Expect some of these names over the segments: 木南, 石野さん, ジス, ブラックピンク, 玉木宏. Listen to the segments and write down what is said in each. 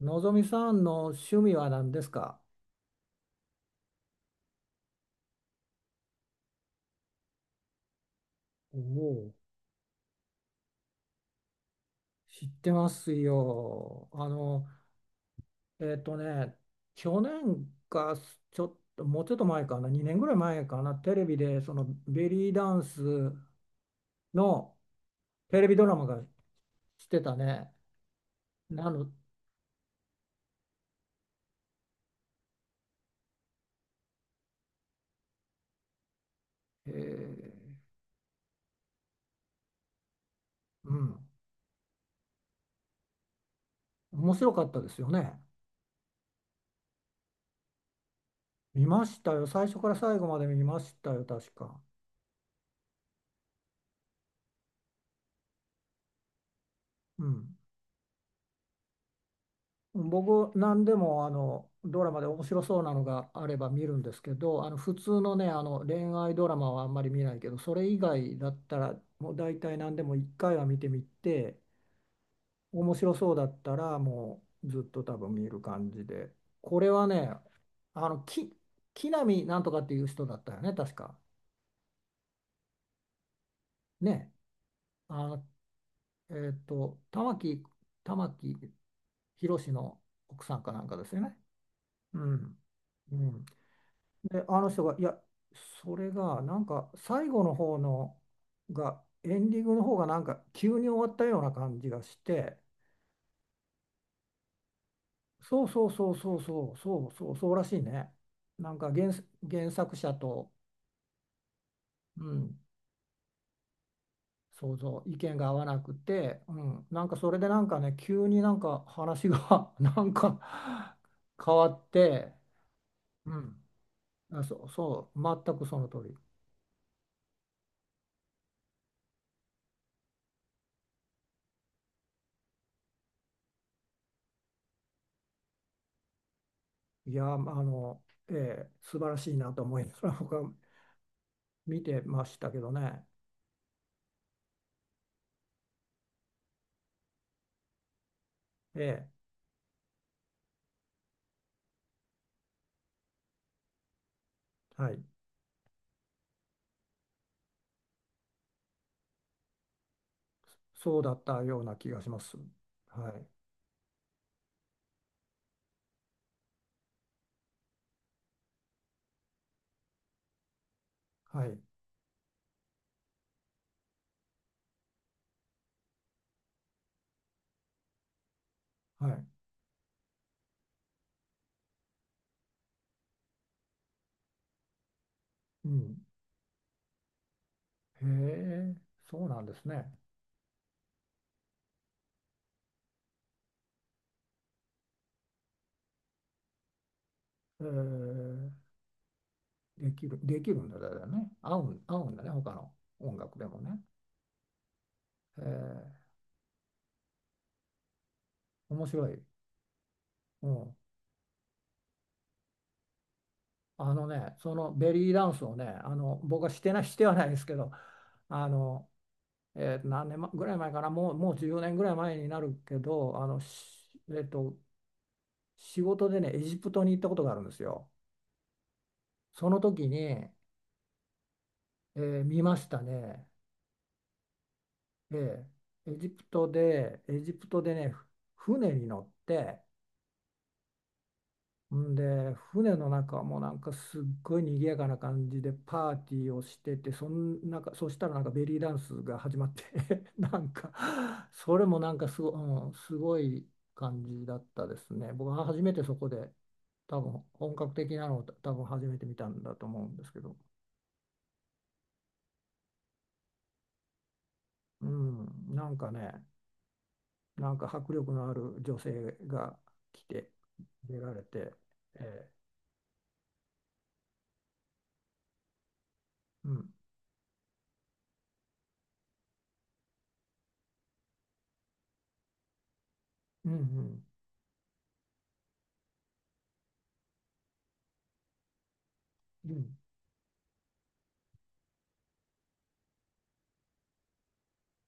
のぞみさんの趣味は何ですか？おお、知ってますよ。あの、えっとね、去年か、ちょっと、もうちょっと前かな、2年ぐらい前かな、テレビで、そのベリーダンスのテレビドラマがしてたね。なの、えーうん、面白かったですよね。見ましたよ。最初から最後まで見ましたよ、確か。うん。僕、何でもあのドラマで面白そうなのがあれば見るんですけど、あの普通のね、あの恋愛ドラマはあんまり見ないけど、それ以外だったら、もう大体何でも1回は見てみて、面白そうだったら、もうずっと多分見る感じで、これはね、あの木南なんとかっていう人だったよね、確か。ね、あの、えーっと、玉木、玉木宏の奥さんかなんかですよね。うん。うん。で、あの人が、いや、それが、なんか、最後の方のが、エンディングの方が、なんか、急に終わったような感じがして、そうそうそうそうそうそうそうそうらしいね。なんか原作者と、うん、想像、意見が合わなくて、うん、なんかそれでなんかね、急になんか話が なんか変わって、うん、あ、そうそう、全くその通り。いや、まああの、ええ、素晴らしいなと思いまが 僕は見てましたけどね。ええ、はい。そうだったような気がします。はい。はい。はい。うん。へえ、そうなんですね。ええ、できるんだよね。合うんだね、他の音楽でもね。ええ、面白い。うん。あのね、そのベリーダンスをね、あの、僕はしてない、してはないですけど、あの、何年まぐらい前かな、もう10年ぐらい前になるけど、あの、えっと、仕事でね、エジプトに行ったことがあるんですよ。その時に、見ましたね。ええ。エジプトでね、船に乗って、んで、船の中もなんかすっごい賑やかな感じでパーティーをしてて、そんなんか、そしたらなんかベリーダンスが始まって なんか、それもなんかうん、すごい感じだったですね。僕は初めてそこで、多分本格的なのを多分初めて見たんだと思うんですけど。うん、なんかね、なんか迫力のある女性が来て、出られて、えうん、うん、うん、うん、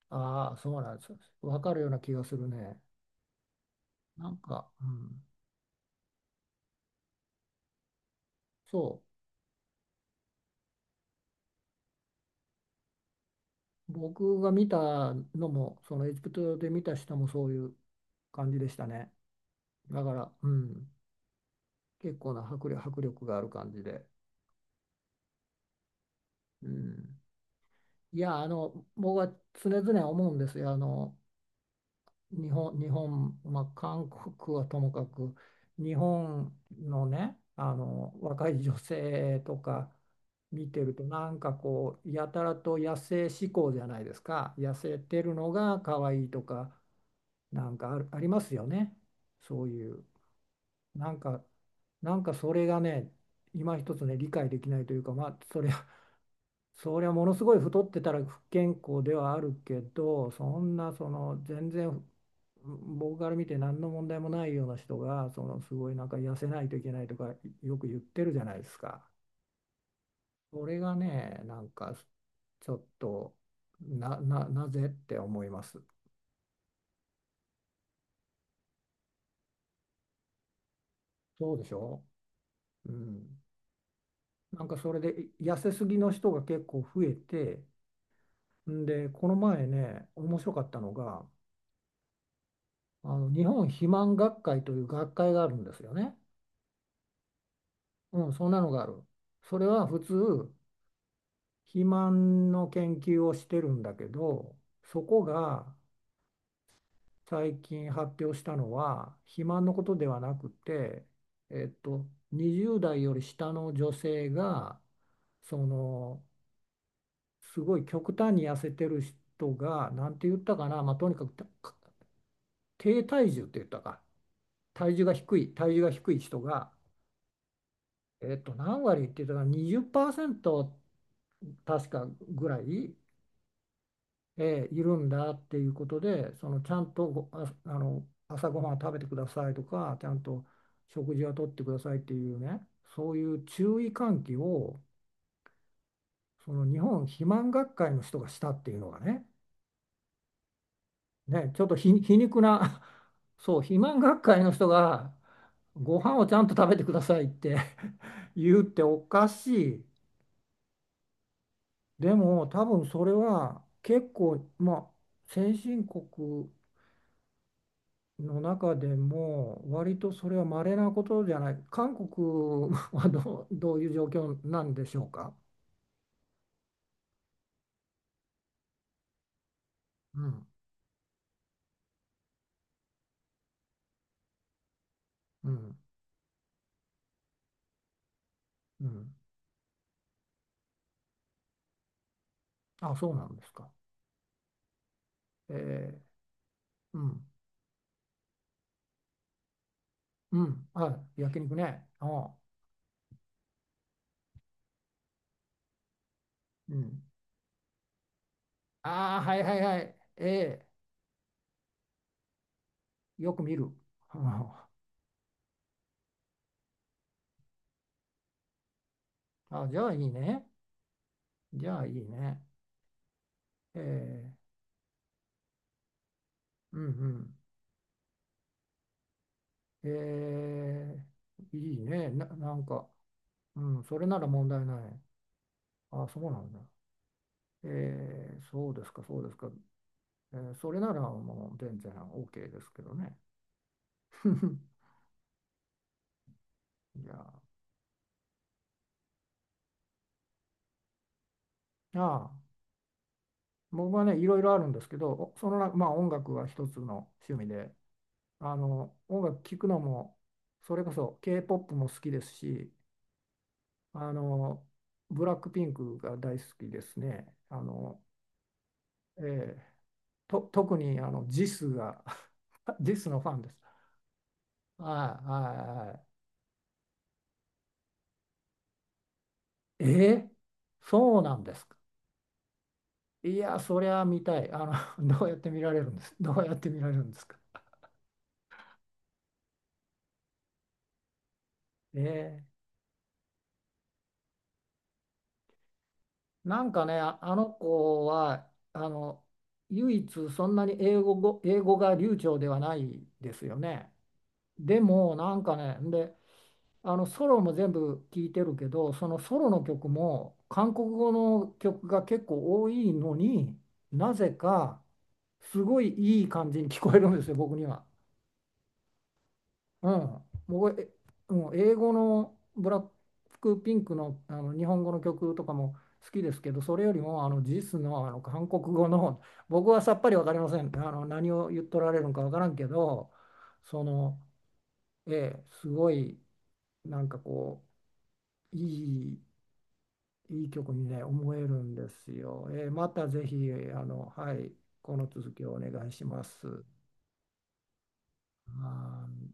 ああ、そうなんです。わかるような気がするね。なんか、うん、そう、僕が見たのも、そのエジプトで見た人もそういう感じでしたね。だから、うん、結構な迫力がある感じで。うん、いや、あの、僕は常々思うんですよ。あの日本、まあ、韓国はともかく、日本のね、あの若い女性とか見てると、なんかこう、やたらと野生志向じゃないですか、痩せてるのが可愛いとか、なんかありますよね、そういう、なんか、なんかそれがね、今一つね、理解できないというか、まあ、それはそりゃものすごい太ってたら不健康ではあるけどそんなその全然僕から見て何の問題もないような人がそのすごいなんか痩せないといけないとかよく言ってるじゃないですか。それがねなんかちょっとなぜって思います。そうでしょ？うん。なんかそれで痩せすぎの人が結構増えてんでこの前ね面白かったのがあの日本肥満学会という学会があるんですよね。うん、そんなのがある。それは普通、肥満の研究をしてるんだけど、そこが最近発表したのは、肥満のことではなくて、えっと、20代より下の女性が、その、すごい極端に痩せてる人が、なんて言ったかな、まあ、とにかく低体重って言ったか、体重が低い人が、何割って言ったかな、20%確かぐらい。いるんだっていうことでそのちゃんとあの朝ごはんを食べてくださいとかちゃんと食事はとってくださいっていうねそういう注意喚起をその日本肥満学会の人がしたっていうのがね、ねちょっと皮肉な そう肥満学会の人がご飯をちゃんと食べてくださいって 言うっておかしい。でも多分それは結構まあ先進国の中でも割とそれは稀なことじゃない。韓国はどう、どういう状況なんでしょうか？うん、うん、うん。あ、そうなんですか？えー、うん、うん。あ、焼肉ね。あ、うん。ああ、はいはいはい。よく見る。ああ、じゃあいいね。じゃあいいね。えうんうん。えいいね。なんか、うん、それなら問題ない。あ、そうなんだ。そうですか、そうですか。それならもう全然 OK ですけどね。いや、ああ、僕はね、いろいろあるんですけど、その中、まあ音楽は一つの趣味で、あの、音楽聴くのも、それこそ K-POP も好きですし、あの、ブラックピンクが大好きですね。あの、ええ特にあの、ジスが、ジスのファンです。はいはいはい。ええ。そうなんですか？いや、そりゃ見たい。あの、どうやって見られるんです。どうやって見られるんですか？ええ。なんかね、ああの子は、あの、唯一そんなに英語が流暢ではないですよね。でも、なんかね、で、あの、ソロも全部聞いてるけど、そのソロの曲も、韓国語の曲が結構多いのになぜか、すごいいい感じに聞こえるんですよ、僕には。うん、僕、え、もう英語のブラックピンクの、あの日本語の曲とかも好きですけど、それよりもあのジスの、あの韓国語の、僕はさっぱりわかりません。あの何を言っとられるのかわからんけど、その、ええ、すごいなんかこう、い、いい曲にね、思えるんですよ。ええ、またぜひ、あの、はい、この続きをお願いします。はい